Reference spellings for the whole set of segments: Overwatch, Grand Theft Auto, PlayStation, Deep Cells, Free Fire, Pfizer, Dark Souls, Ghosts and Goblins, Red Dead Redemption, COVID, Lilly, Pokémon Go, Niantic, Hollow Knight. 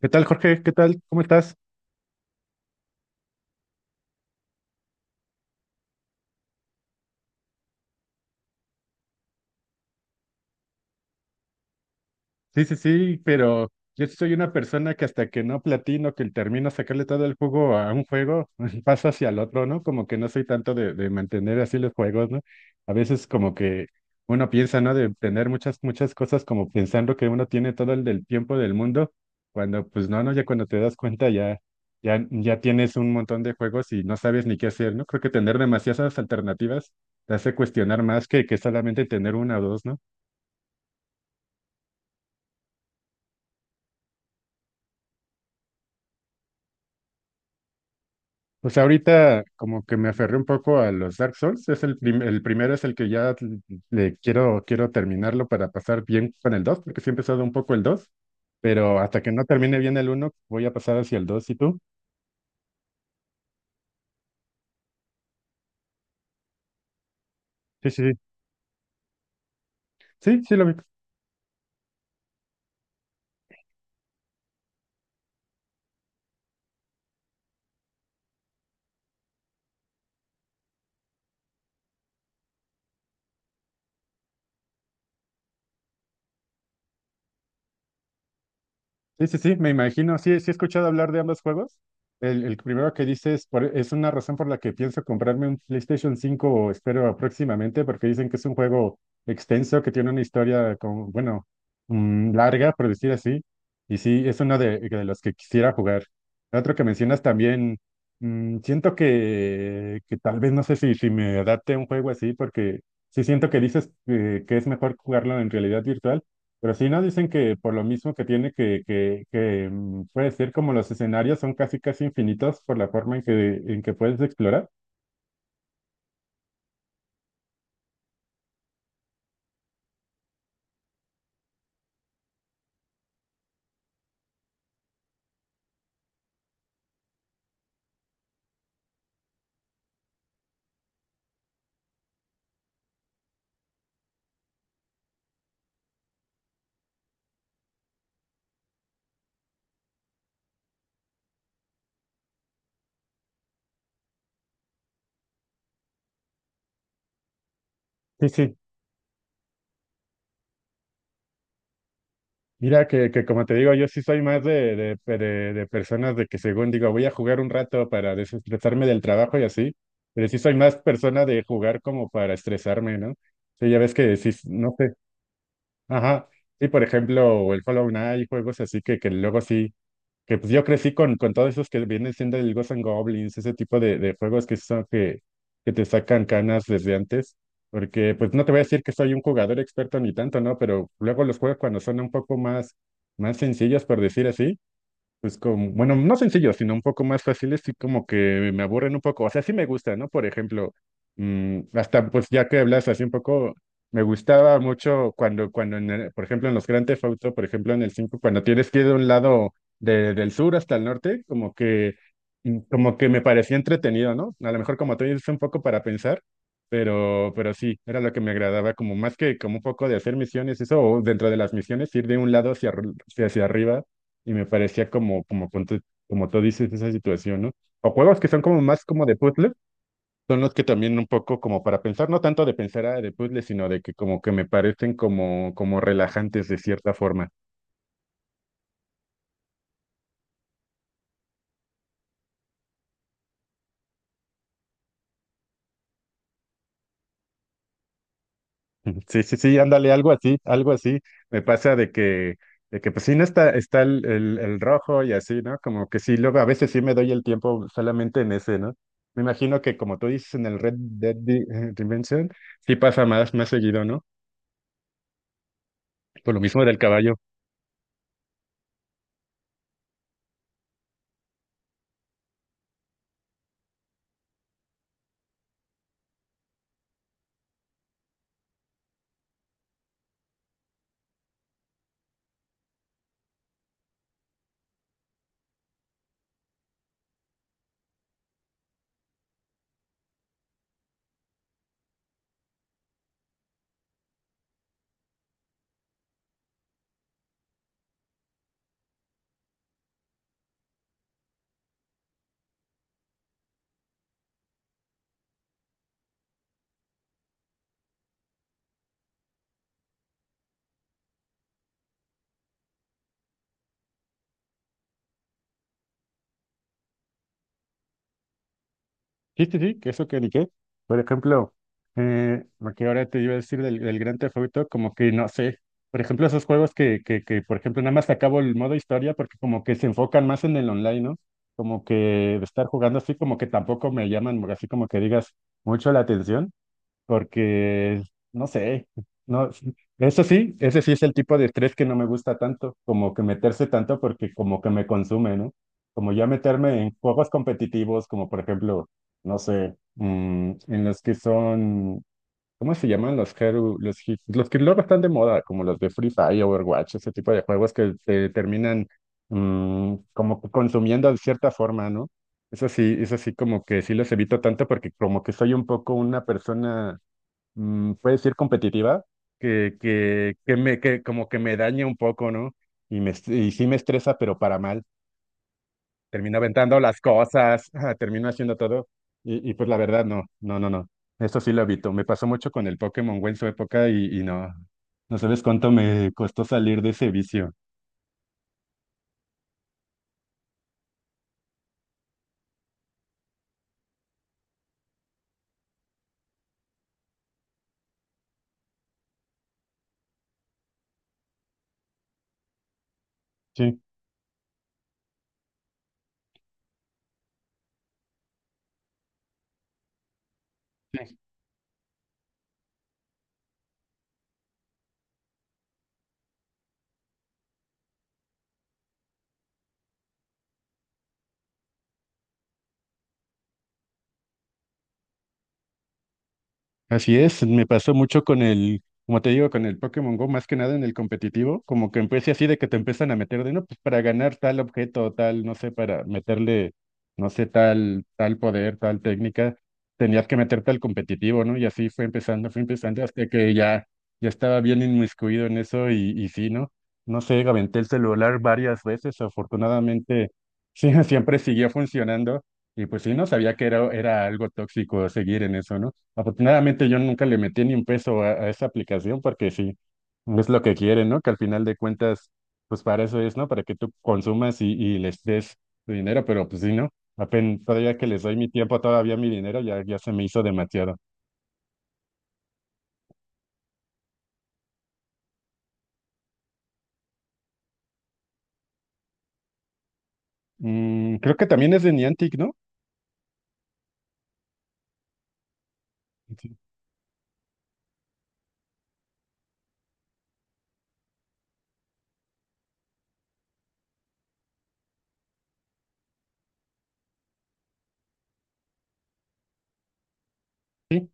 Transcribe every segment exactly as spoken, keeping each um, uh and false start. ¿Qué tal, Jorge? ¿Qué tal? ¿Cómo estás? Sí, sí, sí, pero yo soy una persona que hasta que no platino, que termino sacarle todo el jugo a un juego, paso hacia el otro, ¿no? Como que no soy tanto de, de mantener así los juegos, ¿no? A veces como que uno piensa, ¿no? De tener muchas, muchas cosas como pensando que uno tiene todo el del tiempo del mundo, cuando pues no, no, ya cuando te das cuenta ya, ya, ya tienes un montón de juegos y no sabes ni qué hacer, ¿no? Creo que tener demasiadas alternativas te hace cuestionar más que, que solamente tener una o dos, ¿no? Pues ahorita como que me aferré un poco a los Dark Souls. Es el, prim- el primero es el que ya l- le quiero, quiero terminarlo para pasar bien con el dos, porque sí he empezado un poco el dos, pero hasta que no termine bien el uno voy a pasar hacia el dos. ¿Y tú? Sí, sí, sí. Sí, sí lo vi. Sí, sí, sí, me imagino. Sí, sí he escuchado hablar de ambos juegos. El, el primero que dices por- es una razón por la que pienso comprarme un PlayStation cinco o espero próximamente, porque dicen que es un juego extenso, que tiene una historia con, bueno, mm, larga, por decir así. Y sí, es uno de, de los que quisiera jugar. El otro que mencionas también, mm, siento que, que tal vez no sé si, si me adapte a un juego así, porque sí siento que dices eh, que es mejor jugarlo en realidad virtual. Pero sí nos dicen que por lo mismo que tiene que, que, que mm, puede ser como los escenarios son casi casi infinitos por la forma en que, en que puedes explorar. Sí, sí. Mira que, que como te digo, yo sí soy más de, de, pe- de- de personas de que según digo, voy a jugar un rato para desestresarme del trabajo y así, pero sí soy más persona de jugar como para estresarme, ¿no? Sí, ya ves que sí, no sé. Ajá. Sí, por ejemplo, el Hollow Knight, juegos así que, que luego sí. Que pues yo crecí con, con todos esos que vienen siendo el Ghosts and Goblins, ese tipo de, de juegos que son que, que te sacan canas desde antes, porque pues no te voy a decir que soy un jugador experto ni tanto, ¿no? Pero luego los juegos cuando son un poco más, más sencillos, por decir así, pues como, bueno, no sencillos, sino un poco más fáciles y como que me aburren un poco. O sea, sí me gusta, ¿no? Por ejemplo, mm, hasta pues ya que hablas así un poco, me gustaba mucho cuando, cuando en el- por ejemplo, en los Grand Theft Auto, por ejemplo, en el cinco cuando tienes que ir de un lado de- del sur hasta el norte, como que, mm, como que me parecía entretenido, ¿no? A lo mejor como tú dices, un poco para pensar, pero, pero sí, era lo que me agradaba, como más que como un poco de hacer misiones, eso, o dentro de las misiones, ir de un lado hacia, arru- hacia arriba y me parecía como, como, con como tú dices, esa situación, ¿no? O juegos que son como más como de puzzle, son los que también un poco como para pensar, no tanto de pensar ah, de puzzle, sino de que como que me parecen como, como relajantes de cierta forma. Sí, sí, sí, ándale, algo así, algo así. Me pasa de que, de que pues sí, no está, está el, el, el rojo y así, ¿no? Como que sí, luego a veces sí me doy el tiempo solamente en ese, ¿no? Me imagino que como tú dices en el Red Dead Di- eh, Redemption, sí pasa más, más seguido, ¿no? Por lo mismo del caballo. Sí, sí, sí, que eso que ni qué. Por ejemplo, eh, lo que ahora te iba a decir del, del Gran Theft Auto, como que no sé. Por ejemplo, esos juegos que, que, que, por ejemplo, nada más acabo el modo historia porque como que se enfocan más en el online, ¿no? Como que de estar jugando así, como que tampoco me llaman, así como que digas mucho la atención porque, no sé, no, eso sí, ese sí es el tipo de estrés que no me gusta tanto, como que meterse tanto porque como que me consume, ¿no? Como ya meterme en juegos competitivos, como por ejemplo, no sé, mm, en los que son, ¿cómo se llaman? Los, Hero- los, hi- los que luego están de moda, como los de Free Fire, Overwatch, ese tipo de juegos que te terminan mm, como que consumiendo de cierta forma, ¿no? Eso sí, eso sí, como que sí los evito tanto porque como que soy un poco una persona mm, puede decir competitiva, que, que, que me, que como que me daña un poco, ¿no? Y, me, est- y sí me estresa, pero para mal. Termino aventando las cosas, ah, termino haciendo todo. Y, y pues la verdad, no, no, no, no. Eso sí lo evito. Me pasó mucho con el Pokémon Go en su época y, y no, no sabes cuánto me costó salir de ese vicio. Así es, me pasó mucho con el, como te digo, con el Pokémon Go, más que nada en el competitivo, como que empecé así de que te empiezan a meter de, no, pues para ganar tal objeto, tal, no sé, para meterle, no sé, tal, tal poder, tal técnica, tenías que meterte al competitivo, ¿no? Y así fue empezando, fue empezando hasta que ya, ya estaba bien inmiscuido en eso y, y sí, ¿no? No sé, aventé el celular varias veces, afortunadamente, sí, siempre siguió funcionando y pues sí, no sabía que era, era algo tóxico seguir en eso, ¿no? Afortunadamente yo nunca le metí ni un peso a, a esa aplicación porque sí, no es lo que quieren, ¿no? Que al final de cuentas, pues para eso es, ¿no? Para que tú consumas y, y les des tu dinero, pero pues sí, ¿no? Apenas todavía que les doy mi tiempo, todavía mi dinero, ya, ya se me hizo demasiado. Mm, creo que también es de Niantic, ¿no? Sí, sí.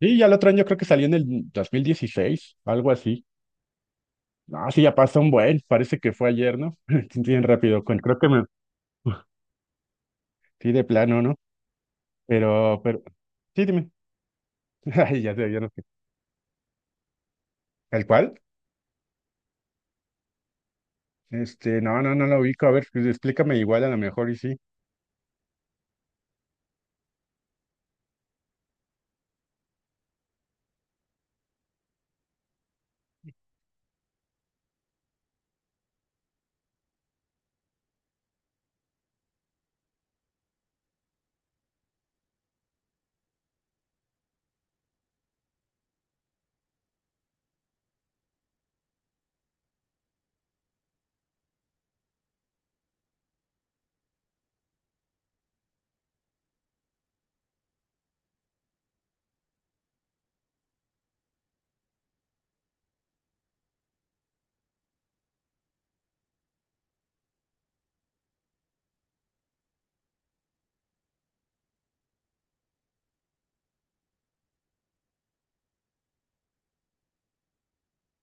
Sí, ya el otro año creo que salió en el dos mil dieciséis algo así. Ah, sí, ya pasó un buen, parece que fue ayer, ¿no? Bien rápido, con- creo que me... Sí, de plano, ¿no? Pero, pero, sí, dime. Ay, ya te vieron. ¿El cual? Este, no, no, no lo ubico. A ver, pues, explícame igual a lo mejor y sí.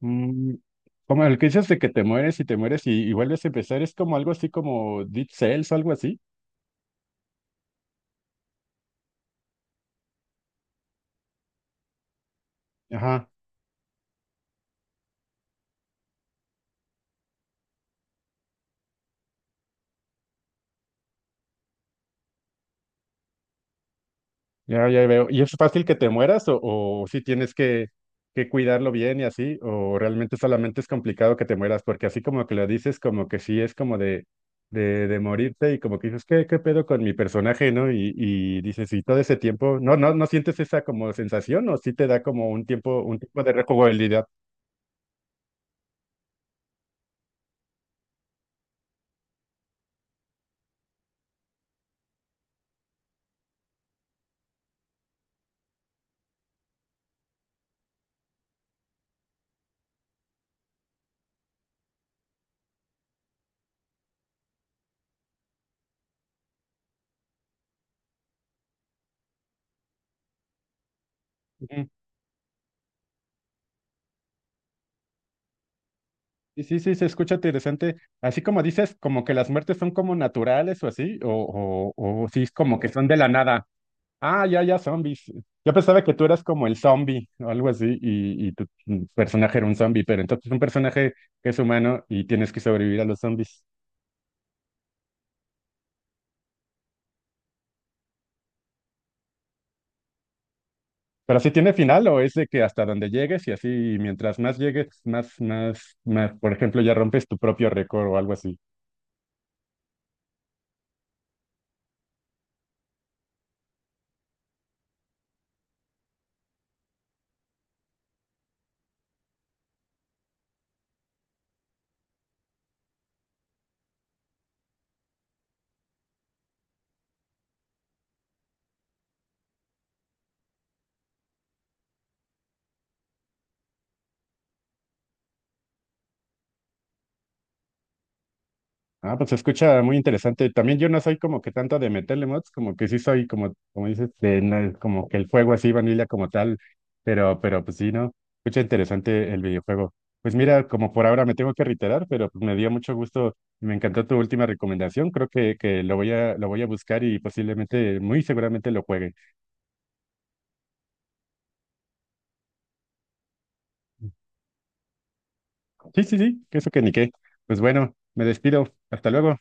Mm, Como el que dices de que te mueres y te mueres y, y vuelves a empezar, es como algo así como Deep Cells o algo así. Ajá. Ya, ya veo. ¿Y es fácil que te mueras o, si tienes que, que cuidarlo bien y así? ¿O realmente solamente es complicado que te mueras? Porque así como que lo dices, como que sí es como de, de, de morirte y como que dices, ¿qué, qué pedo con mi personaje, ¿no? Y, y dices, y todo ese tiempo, ¿no, no, no sientes esa como sensación o sí te da como un tiempo, un tiempo de rejugabilidad? Ujú. Y sí, sí, se escucha interesante. Así como dices, como que las muertes son como naturales o así, o, o, o sí es como que son de la nada. Ah, ya, ya, zombies. Yo pensaba que tú eras como el zombie o algo así y, y tu personaje era un zombie, pero entonces es un personaje que es humano y tienes que sobrevivir a los zombies. Pero si tiene final o es de que hasta donde llegues y así mientras más llegues, más, más, más, por ejemplo, ya rompes tu propio récord o algo así. Ah, pues se escucha muy interesante. También yo no soy como que tanto de meterle mods, como que sí soy como, como dices, de na- como que el juego así, vanilla como tal, pero, pero pues sí, ¿no? Escucha interesante el videojuego. Pues mira, como por ahora me tengo que reiterar, pero pues me dio mucho gusto, me encantó tu última recomendación, creo que, que lo voy a, lo voy a buscar y posiblemente, muy seguramente lo juegue. Sí, sí, sí, que eso que ni qué. Pues bueno, me despido, hasta luego.